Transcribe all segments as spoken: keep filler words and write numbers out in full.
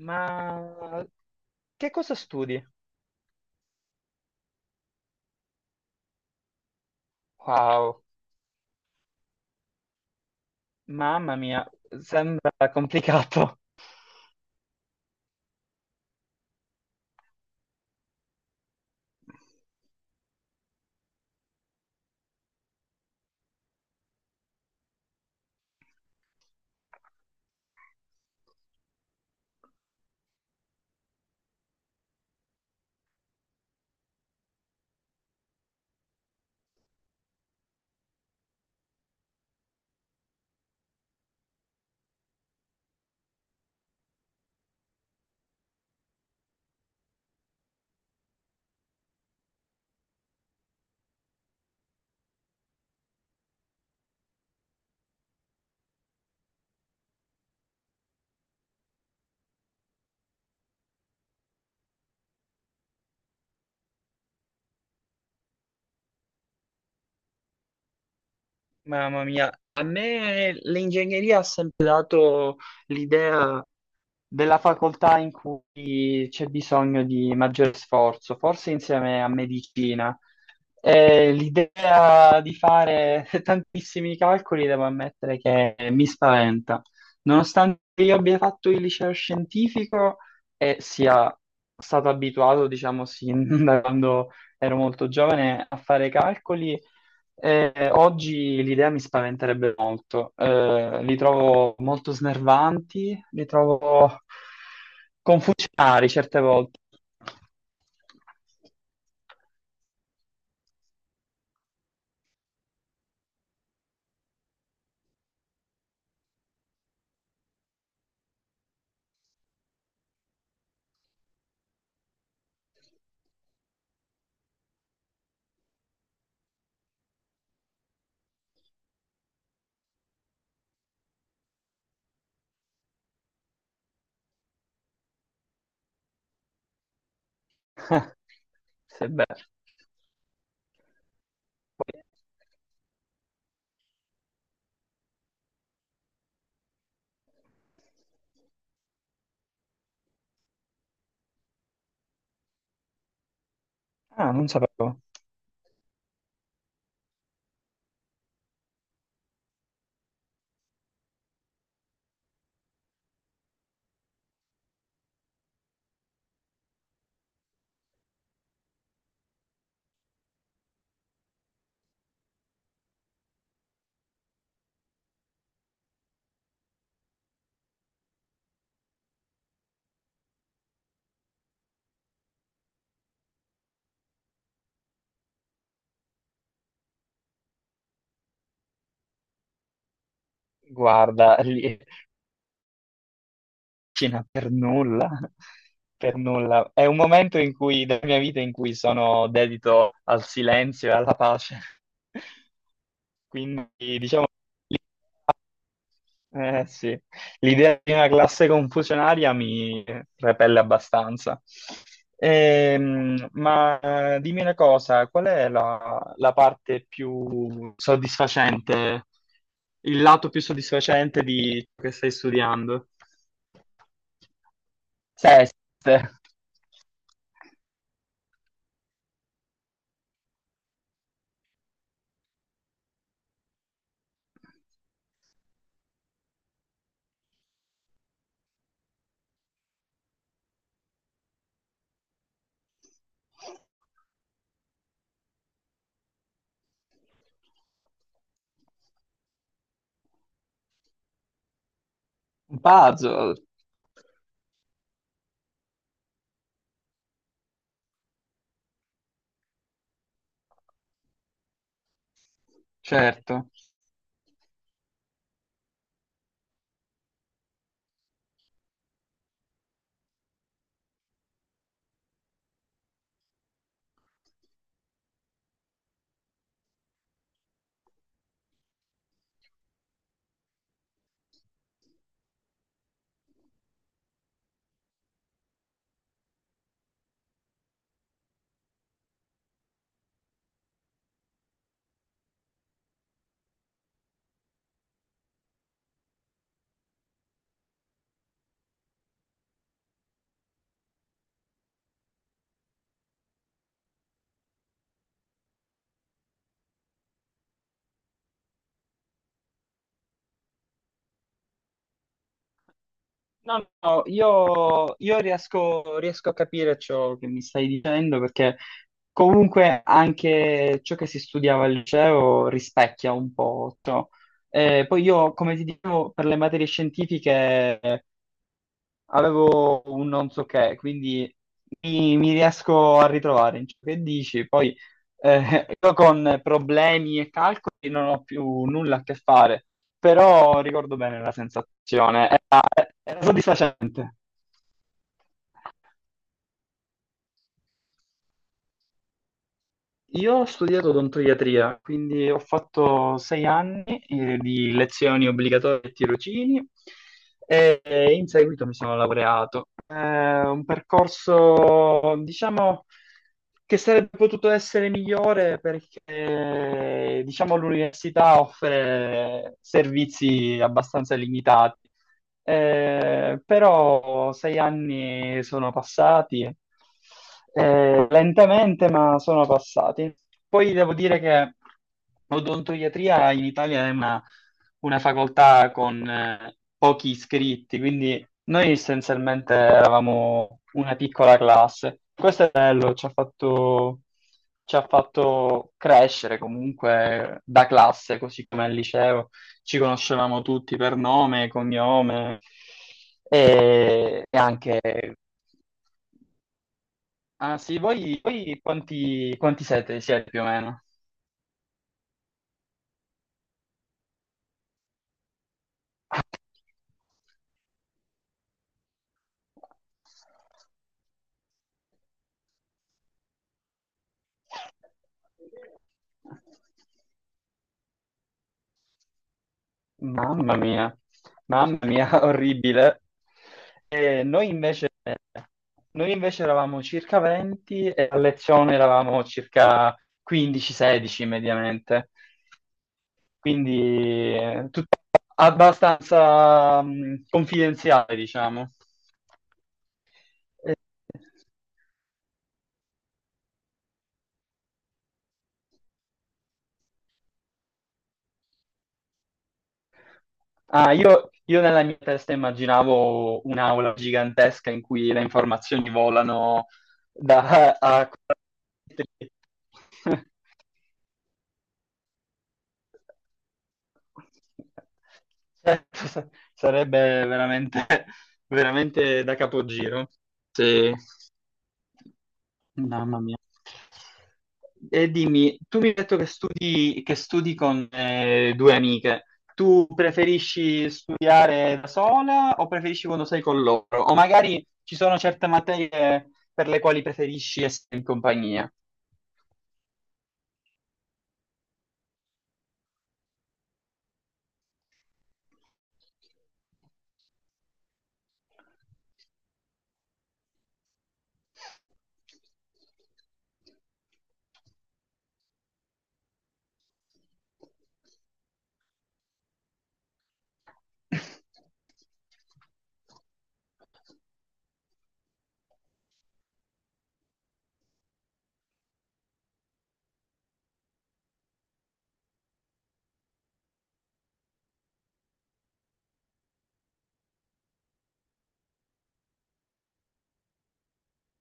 Ma che cosa studi? Wow, mamma mia, sembra complicato. Mamma mia, a me l'ingegneria ha sempre dato l'idea della facoltà in cui c'è bisogno di maggiore sforzo, forse insieme a medicina. E l'idea di fare tantissimi calcoli, devo ammettere che mi spaventa. Nonostante io abbia fatto il liceo scientifico e sia stato abituato, diciamo, sin da quando ero molto giovane a fare calcoli, eh, oggi l'idea mi spaventerebbe molto, Eh, li trovo molto snervanti, li trovo confusionari certe volte. Se è vero. Poi- Ah, non sapevo. Guarda, li- cucina per nulla, per nulla. È un momento in cui, della mia vita in cui sono dedito al silenzio e alla pace. Quindi, diciamo, eh, sì, l'idea di una classe confusionaria mi repelle abbastanza. Ehm, ma eh, dimmi una cosa, qual è la, la parte più soddisfacente, il lato più soddisfacente di ciò che stai studiando? Seste. Un puzzle, certo. No, no, io, io riesco, riesco a capire ciò che mi stai dicendo perché comunque anche ciò che si studiava al liceo rispecchia un po' ciò. Eh, poi io, come ti dicevo, per le materie scientifiche avevo un non so che, quindi mi, mi riesco a ritrovare in ciò che dici. Poi eh, io con problemi e calcoli non ho più nulla a che fare, però ricordo bene la sensazione, era, era soddisfacente. Io ho studiato odontoiatria, quindi ho fatto sei anni eh, di lezioni obbligatorie e tirocini e e in seguito mi sono laureato. È un percorso, diciamo, che sarebbe potuto essere migliore perché, diciamo, l'università offre servizi abbastanza limitati. Eh, però sei anni sono passati, eh, lentamente, ma sono passati. Poi devo dire che odontoiatria in Italia è una, una facoltà con eh, pochi iscritti, quindi noi essenzialmente eravamo una piccola classe. Questo è bello, ci ha fatto, ci ha fatto crescere comunque da classe, così come al liceo ci conoscevamo tutti per nome, cognome e, e anche. Ah sì, voi, voi quanti, quanti siete, siete più o meno? Mamma mia, mamma mia, orribile. E noi invece, noi invece eravamo circa venti e a lezione eravamo circa quindici sedici mediamente. Quindi eh, tut- abbastanza mh, confidenziale, diciamo. Eh, ah, io, io nella mia testa immaginavo un'aula gigantesca in cui le informazioni volano da a- Certo, sa- sarebbe veramente, veramente da capogiro. Sì. Mamma mia. E dimmi, tu mi hai detto che studi, che studi, con eh, due amiche. Tu preferisci studiare da sola o preferisci quando sei con loro? O magari ci sono certe materie per le quali preferisci essere in compagnia?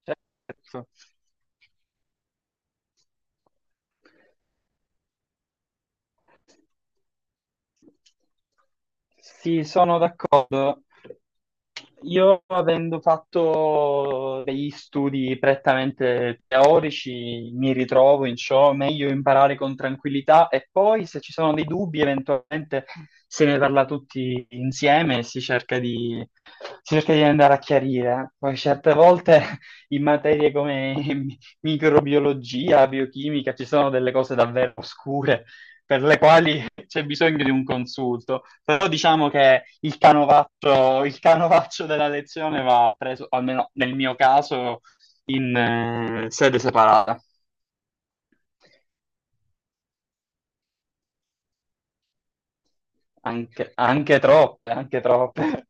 Certo. Sì, sono d'accordo. Io avendo fatto degli studi prettamente teorici, mi ritrovo in ciò, meglio imparare con tranquillità e poi se ci sono dei dubbi, eventualmente se ne parla tutti insieme e si cerca di, si cerca di andare a chiarire. Poi certe volte in materie come mi- microbiologia, biochimica, ci sono delle cose davvero oscure per le quali c'è bisogno di un consulto. Però diciamo che il canovaccio, il canovaccio della lezione va preso, almeno nel mio caso, in eh, sede separata. Anche, anche troppe, anche troppe.